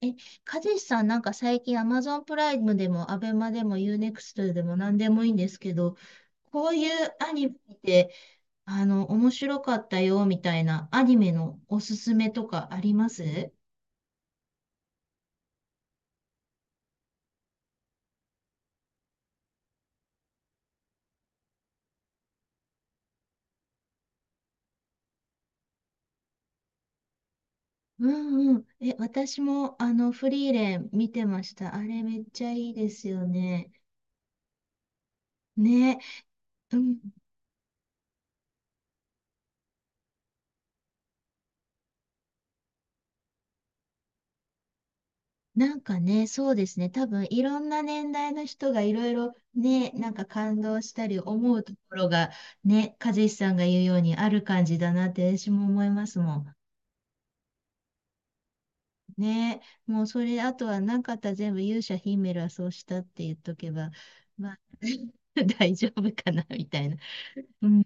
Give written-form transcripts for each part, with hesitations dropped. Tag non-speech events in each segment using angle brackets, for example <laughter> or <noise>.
え、かじしさんなんか最近 Amazon プライムでもアベマでもユーネクストでも何でもいいんですけど、こういうアニメで、面白かったよみたいなアニメのおすすめとかありますうんうん。私もフリーレン見てました。あれめっちゃいいですよね。ね。うん。なんかね、そうですね。多分いろんな年代の人がいろいろね、なんか感動したり思うところがね、和志さんが言うようにある感じだなって私も思いますもん。ね、もうそれ、あとはなかったら全部勇者ヒメルはそうしたって言っとけば、まあ <laughs> 大丈夫かなみたいな。うん、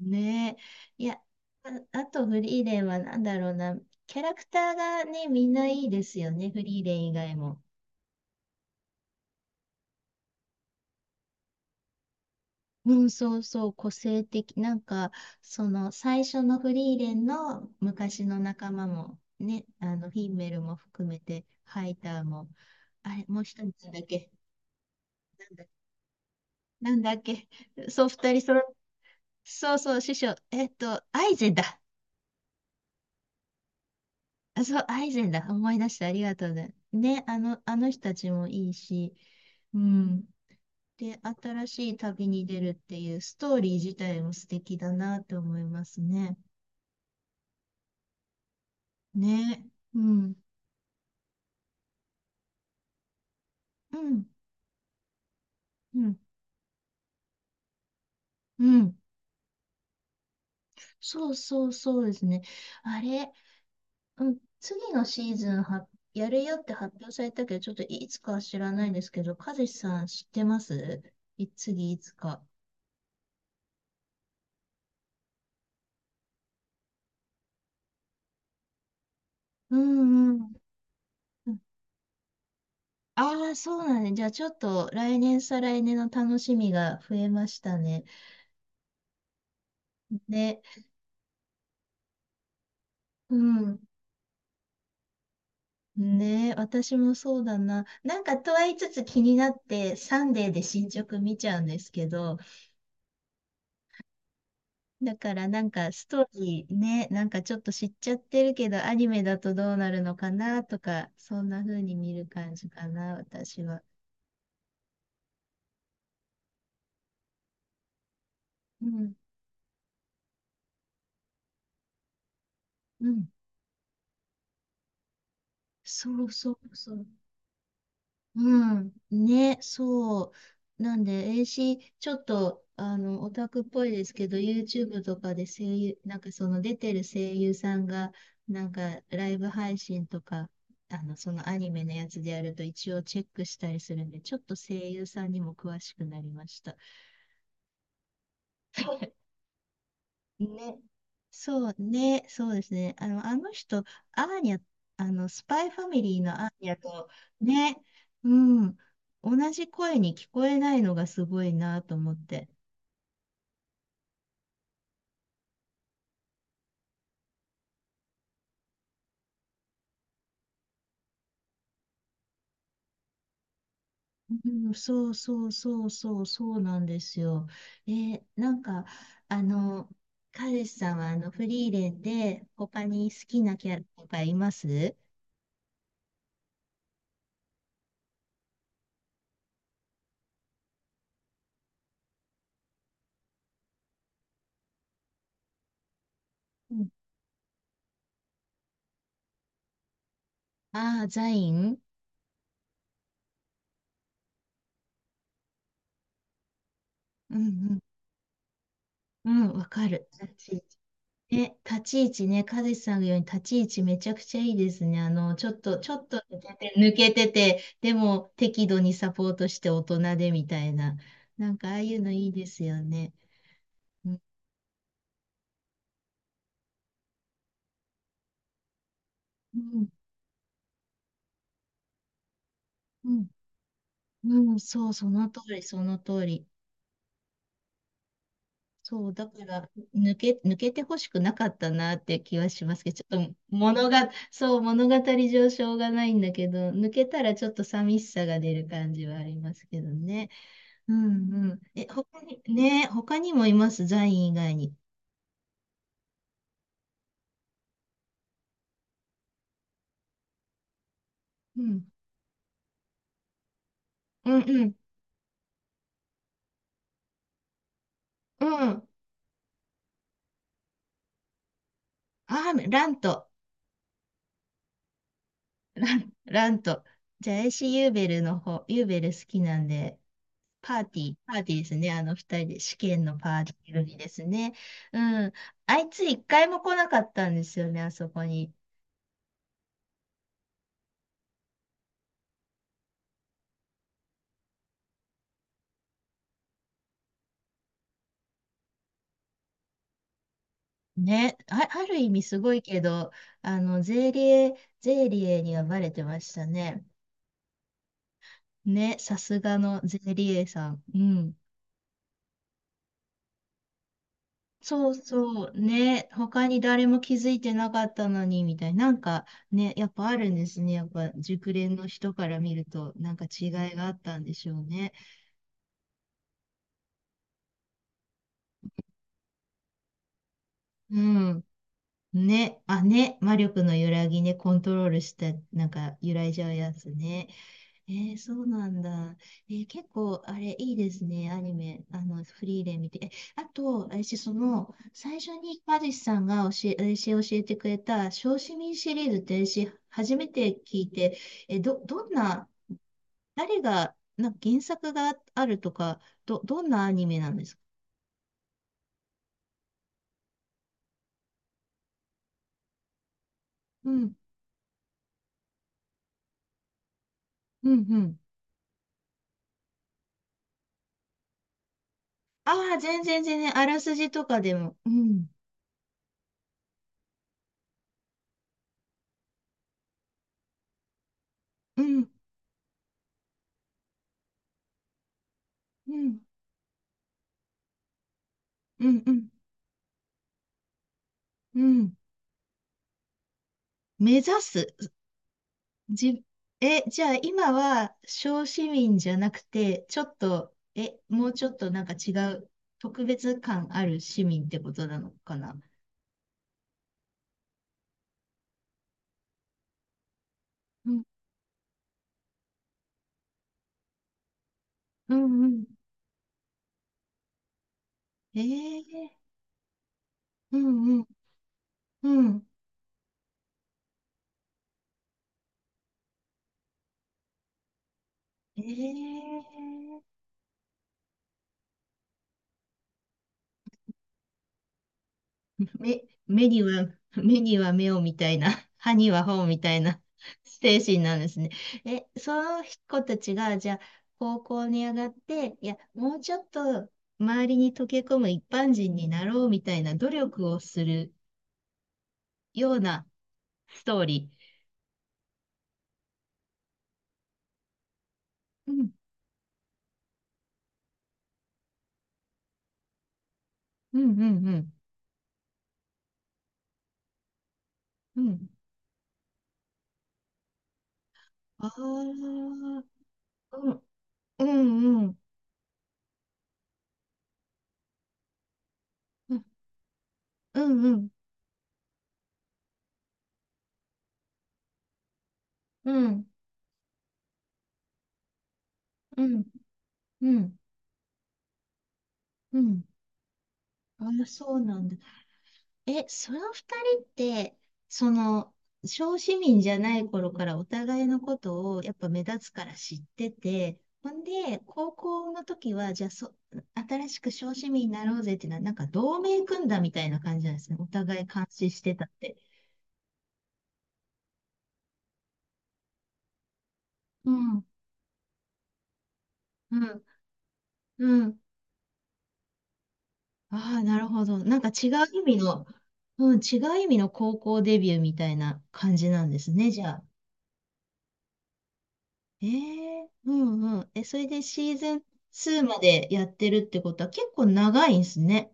ねえ、いや、あ、あとフリーレンは何だろうな、キャラクターがね、みんないいですよね、フリーレン以外も。うん、そうそう、個性的。なんか、その最初のフリーレンの昔の仲間も、ね、フィンメルも含めて、ハイターも、あれ、もう一人なんだっけ、なんだっけ、なんだっけ、そう、二人揃っ、そうそう、師匠、アイゼンだ。あ、そう、アイゼンだ。思い出してありがとうね。ね、あの人たちもいいし、うん。で、新しい旅に出るっていうストーリー自体も素敵だなって思いますね。ね、うん。うん、うん、うん。そうそうそうですね。あれ、うん、次のシーズンはやるよって発表されたけど、ちょっといつかは知らないんですけど、和志さん知ってますい、次いつか。うんうん。ああ、そうなんね。じゃあちょっと来年再来年の楽しみが増えましたね。ね、うん。ね、私もそうだな。なんかとは言いつつ気になって、サンデーで進捗見ちゃうんですけど、だからなんかストーリーね、なんかちょっと知っちゃってるけど、アニメだとどうなるのかなとか、そんな風に見る感じかな、私は。うん、うん、そうそうそう。うん。ね、そう。なんで、え、 c、 し、ちょっと、オタクっぽいですけど、YouTube とかで声優、なんかその出てる声優さんが、なんかライブ配信とか、そのアニメのやつでやると一応チェックしたりするんで、ちょっと声優さんにも詳しくなりました。<laughs> ね。そうね。そうですね。あの人、アーニャ、スパイファミリーのアーニャと、ね。うん。同じ声に聞こえないのがすごいなと思って。うん、そうそうそうそうそうなんですよ。えー、なんか、あの、彼氏さんはあのフリーレンで他に好きなキャラとかいますうん。ああー、ザイン。うんうん。うん、わかる。私、え、立ち位置ね、カズさんが言うように立ち位置めちゃくちゃいいですね。ちょっと、ちょっと抜けて、抜けてて、でも適度にサポートして大人でみたいな。なんかああいうのいいですよね。うん、うん、うんうん、そう、その通り、その通り。そう、だから、抜けてほしくなかったなって気はしますけど、ちょっと物が、そう、物語上しょうがないんだけど、抜けたらちょっと寂しさが出る感じはありますけどね。うんうん。え、他に、ね、他にもいます、ザイン以外に。うん。うんうん。うん。あー、ラント。ラント。じゃあ、エイシーユーベルの方、ユーベル好きなんで、パーティー、パーティーですね。あの二人で、試験のパーティー組ですね。うん。あいつ一回も来なかったんですよね、あそこに。ね、あ、ある意味すごいけど、ゼーリエにはバレてましたね。ね、さすがのゼーリエさん。うん。そうそう、ね、他に誰も気づいてなかったのに、みたいな、なんかね、やっぱあるんですね。やっぱ熟練の人から見ると、なんか違いがあったんでしょうね。うん。ね、あ、ね、魔力の揺らぎね、コントロールした、なんか揺らいじゃうやつね。えー、そうなんだ。えー、結構、あれ、いいですね、アニメ、フリーで見て。え、あと、私、その、最初に、マジ志さんが私教えてくれた、小市民シリーズって、私、初めて聞いて、え、どんな、誰が、なんか原作があるとか、どんなアニメなんですか？うん、うん、うん。ああ、全然、全然、あらすじとかでも、うん、うん、うん、うん、うん、うん、目指す。じ、え、じゃあ今は小市民じゃなくて、ちょっと、え、もうちょっとなんか違う、特別感ある市民ってことなのかな。うん、うん、うん。えー、うん、うん、うん。えー <laughs> 目、目には、目には目をみたいな、<laughs> 歯には歯をみたいな <laughs> 精神なんですね。え、その子たちが、じゃあ、高校に上がって、いや、もうちょっと周りに溶け込む一般人になろうみたいな努力をするようなストーリー。うん、うん、うん、うん。うん。ああ、うん、うん、うん、うん、うん、うん、うん、うん、うん。ああ、そうなんだ。え、その二人って、その、小市民じゃない頃からお互いのことをやっぱ目立つから知ってて、ほんで、高校の時は、じゃあそ、新しく小市民になろうぜっていうのは、なんか同盟組んだみたいな感じなんですね。お互い監視してたって。うん、うん、うん。ああ、なるほど。なんか違う意味の、うん、違う意味の高校デビューみたいな感じなんですね、じゃあ。え、え、うんうん。え、それでシーズン2までやってるってことは結構長いんすね。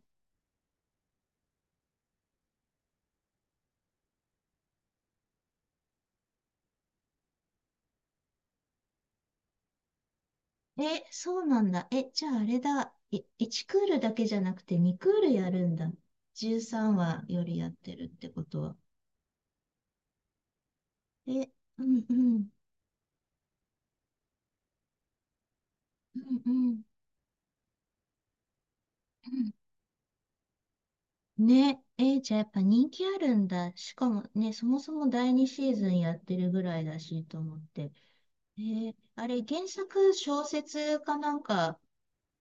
え、そうなんだ。え、じゃああれだ。い、1クールだけじゃなくて2クールやるんだ。13話よりやってるってことは。え、うんうん。うんうん。うん、ね。え、じゃあやっぱ人気あるんだ。しかもね、そもそも第2シーズンやってるぐらいだしと思って。えー、あれ、原作小説かなんか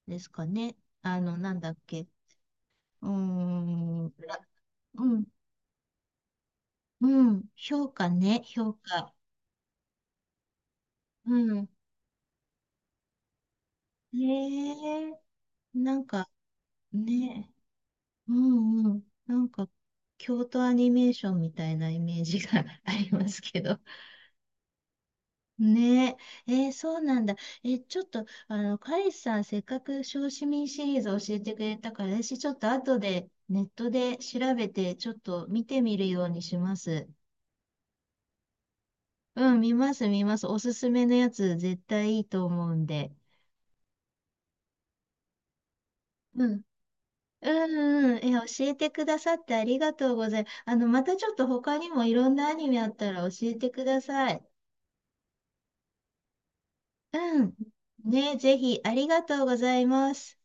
ですかね。なんだっけ。うーん、ら、うん、うん、評価ね、評価。うん。ねえ、なんかね、うんうん、なんか、京都アニメーションみたいなイメージが <laughs> ありますけど。ねえ、えー、そうなんだ。え、ちょっと、カイさん、せっかく小市民シリーズ教えてくれたから、私ちょっと後でネットで調べて、ちょっと見てみるようにします。うん、見ます、見ます。おすすめのやつ、絶対いいと思うんで。うん。うんうん。え、教えてくださってありがとうございます。またちょっと他にもいろんなアニメあったら教えてください。うん。ね、ぜひ、ありがとうございます。